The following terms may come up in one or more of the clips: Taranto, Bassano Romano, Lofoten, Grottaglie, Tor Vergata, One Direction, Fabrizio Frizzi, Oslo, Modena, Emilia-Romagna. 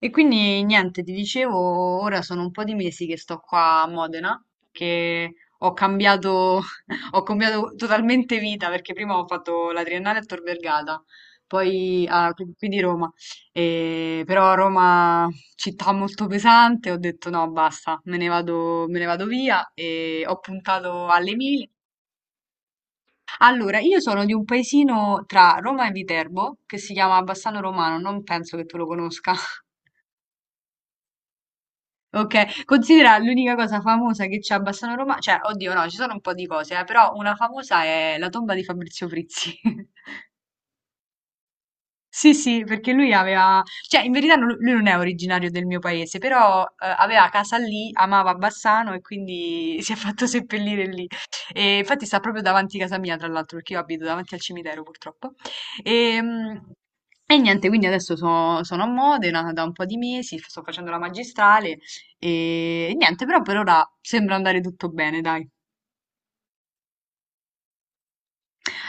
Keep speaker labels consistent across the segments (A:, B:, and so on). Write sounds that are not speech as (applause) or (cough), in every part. A: E quindi niente, ti dicevo, ora sono un po' di mesi che sto qua a Modena, che ho cambiato, (laughs) ho cambiato totalmente vita perché prima ho fatto la triennale a Tor Vergata, poi qui di Roma, e, però Roma città molto pesante, ho detto no, basta, me ne vado via e ho puntato alle Emilie. Allora, io sono di un paesino tra Roma e Viterbo che si chiama Bassano Romano, non penso che tu lo conosca. (laughs) Ok, considera l'unica cosa famosa che c'è a Bassano Roma, cioè, oddio no, ci sono un po' di cose, però una famosa è la tomba di Fabrizio Frizzi. (laughs) Sì, sì, perché lui aveva, cioè in verità lui non è originario del mio paese, però aveva casa lì, amava Bassano e quindi (laughs) si è fatto seppellire lì. E infatti sta proprio davanti a casa mia, tra l'altro, perché io abito davanti al cimitero purtroppo. E, mm, e niente, quindi adesso sono a Modena da un po' di mesi, sto facendo la magistrale e niente, però per ora sembra andare tutto bene, dai.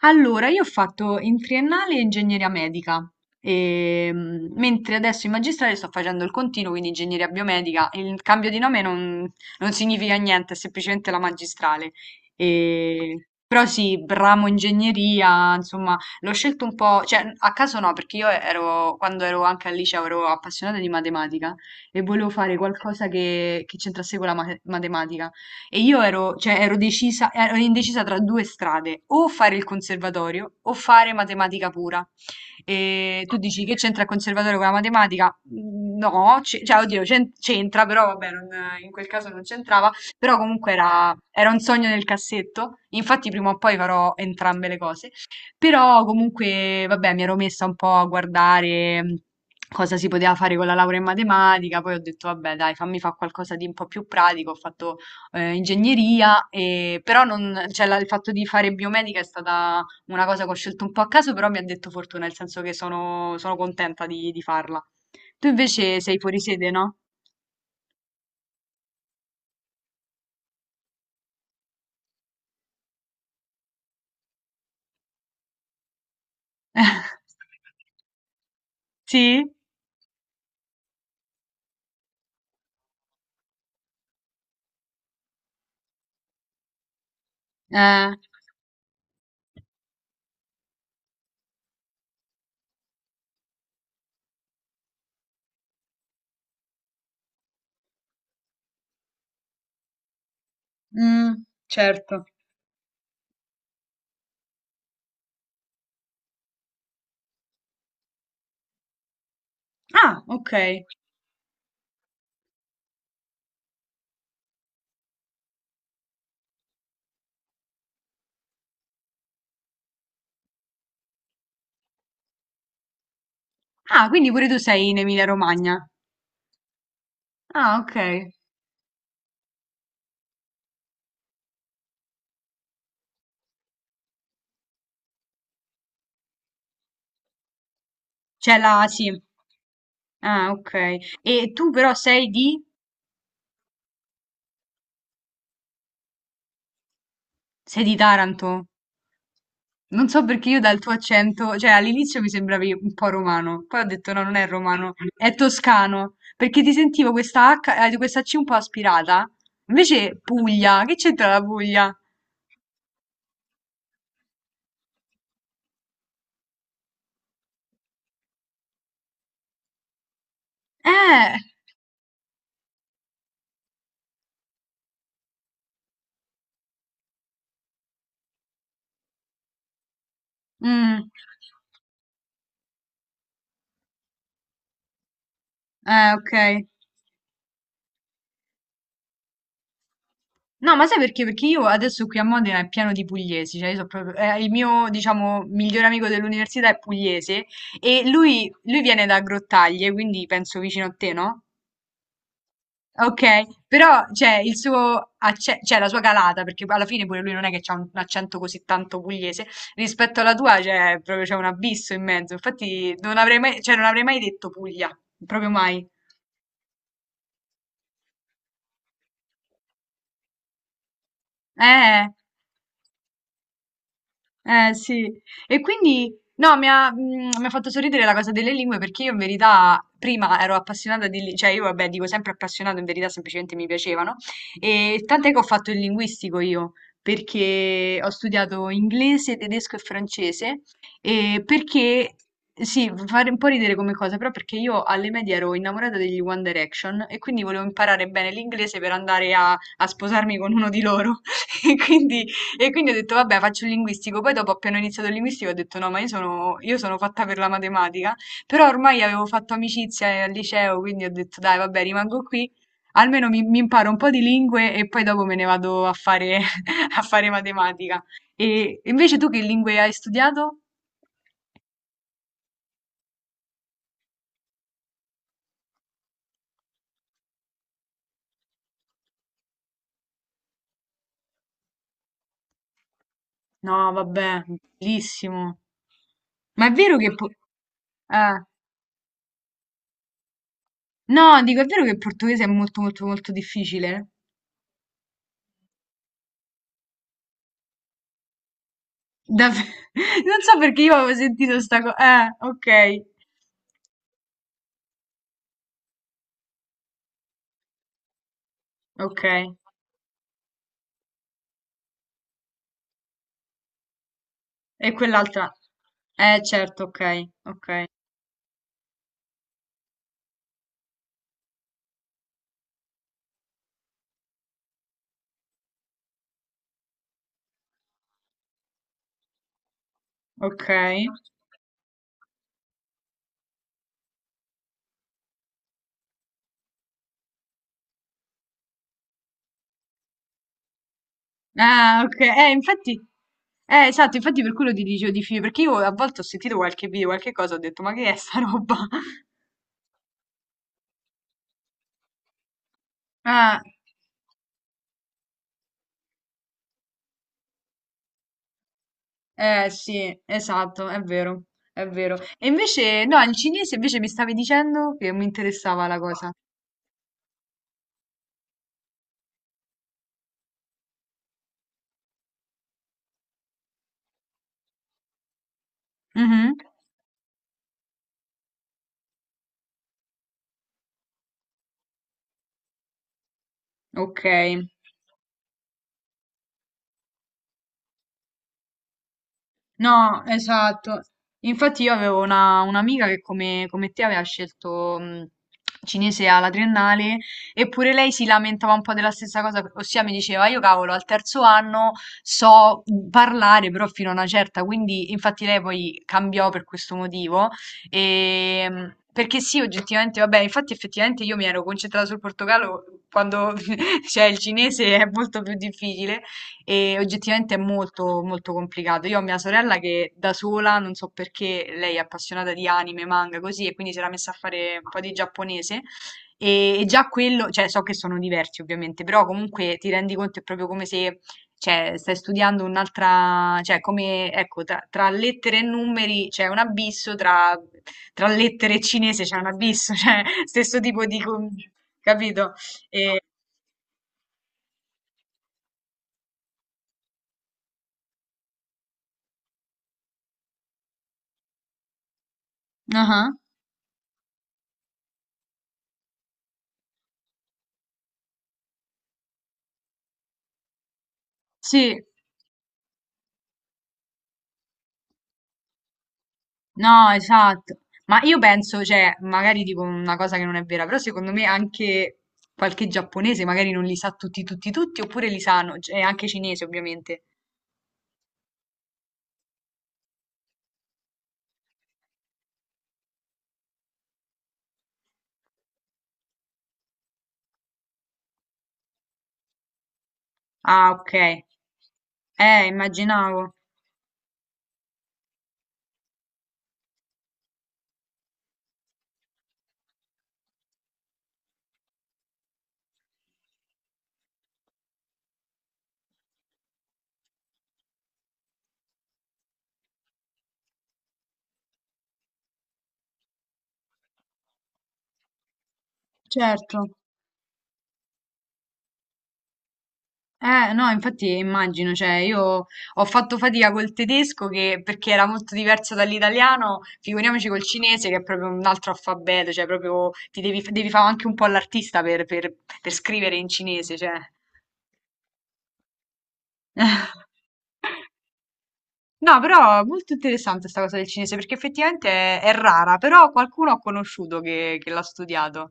A: Allora, io ho fatto in triennale ingegneria medica, mentre adesso in magistrale sto facendo il continuo, quindi ingegneria biomedica. Il cambio di nome non significa niente, è semplicemente la magistrale. Però sì, ramo ingegneria, insomma, l'ho scelto un po', cioè a caso no, perché io ero, quando ero anche al liceo ero appassionata di matematica e volevo fare qualcosa che c'entrasse con la matematica. E io ero, cioè, ero decisa, ero indecisa tra due strade, o fare il conservatorio o fare matematica pura. E tu dici che c'entra il conservatorio con la matematica? No, cioè, oddio, c'entra, però vabbè, in quel caso non c'entrava, però comunque era, era un sogno nel cassetto, infatti prima o poi farò entrambe le cose, però comunque, vabbè, mi ero messa un po' a guardare cosa si poteva fare con la laurea in matematica, poi ho detto, vabbè, dai, fammi fare qualcosa di un po' più pratico, ho fatto ingegneria, però non, cioè, il fatto di fare biomedica è stata una cosa che ho scelto un po' a caso, però mi ha detto fortuna, nel senso che sono, sono contenta di farla. Tu invece sei fuori sede, no? (laughs) Sì? Eh, mm, certo. Ah, ok. Ah, quindi pure tu sei in Emilia-Romagna. Ah, ok. C'è la, sì. Ah, ok. E tu però sei di... Sei di Taranto? Non so perché io dal tuo accento, cioè all'inizio mi sembravi un po' romano, poi ho detto no, non è romano, è toscano, perché ti sentivo questa H, questa C un po' aspirata, invece Puglia, che c'entra la Puglia? Eh, mm, ok. No, ma sai perché? Perché io adesso qui a Modena è pieno di pugliesi, cioè io so proprio, il mio, diciamo, migliore amico dell'università è pugliese e lui viene da Grottaglie, quindi penso vicino a te, no? Okay, però cioè il suo acce cioè la sua calata, perché poi alla fine pure lui non è che c'ha un accento così tanto pugliese, rispetto alla tua cioè proprio c'è un abisso in mezzo. Infatti non avrei mai cioè non avrei mai detto Puglia, proprio mai. Eh. Eh sì, e quindi no, mi ha fatto sorridere la cosa delle lingue perché io in verità prima ero appassionata di, cioè io vabbè dico sempre appassionato, in verità semplicemente mi piacevano e tant'è che ho fatto il linguistico io perché ho studiato inglese, tedesco e francese e perché, sì, fa fare un po' ridere come cosa, però perché io alle medie ero innamorata degli One Direction e quindi volevo imparare bene l'inglese per andare a sposarmi con uno di loro (laughs) e quindi e quindi ho detto, vabbè, faccio il linguistico. Poi dopo, appena ho iniziato il linguistico, ho detto, no, ma io sono fatta per la matematica. Però ormai avevo fatto amicizia al liceo, quindi ho detto, dai, vabbè, rimango qui. Almeno mi imparo un po' di lingue e poi dopo me ne vado a fare, (laughs) a fare matematica. E invece tu che lingue hai studiato? No, vabbè, bellissimo. Ma è vero che... eh, no, dico, è vero che il portoghese è molto, molto, molto difficile? Dav- (laughs) non so perché io avevo sentito sta cosa. Ok, ok. E quell'altra. Certo, ok, ok, ok. Ah, ok. Infatti. Esatto, infatti per quello ti dicevo di film, perché io a volte ho sentito qualche video, qualche cosa, ho detto, ma che è sta roba? (laughs) Ah, sì, esatto, è vero, è vero. E invece, no, il cinese invece mi stavi dicendo che mi interessava la cosa. Mhm. Ok. No, esatto. Infatti io avevo un'amica che come, come te aveva scelto cinese alla triennale, eppure lei si lamentava un po' della stessa cosa, ossia mi diceva, io cavolo, al terzo anno so parlare però fino a una certa, quindi infatti lei poi cambiò per questo motivo. Perché sì, oggettivamente, vabbè, infatti effettivamente io mi ero concentrata sul portogallo quando (laughs) cioè, il cinese è molto più difficile. E oggettivamente è molto, molto complicato. Io ho mia sorella che da sola, non so perché, lei è appassionata di anime, manga, così, e quindi si era messa a fare un po' di giapponese. E già quello, cioè, so che sono diversi ovviamente, però comunque ti rendi conto è proprio come se, cioè, stai studiando un'altra, cioè, come, ecco, tra, tra lettere e numeri c'è un abisso, tra, tra lettere e cinese c'è un abisso, (laughs) cioè, stesso tipo di, capito? E, ah, sì. No, esatto. Ma io penso, cioè, magari dico una cosa che non è vera, però secondo me anche qualche giapponese magari non li sa tutti, tutti, tutti, oppure li sanno, e anche cinese ovviamente. Ah, ok. Immaginavo. Certo. No, infatti immagino, cioè, io ho fatto fatica col tedesco che, perché era molto diverso dall'italiano, figuriamoci col cinese che è proprio un altro alfabeto, cioè, proprio ti devi, devi fare anche un po' l'artista per, per scrivere in cinese, cioè. (laughs) No, però è molto interessante sta cosa del cinese, perché effettivamente è rara, però qualcuno ho conosciuto che l'ha studiato.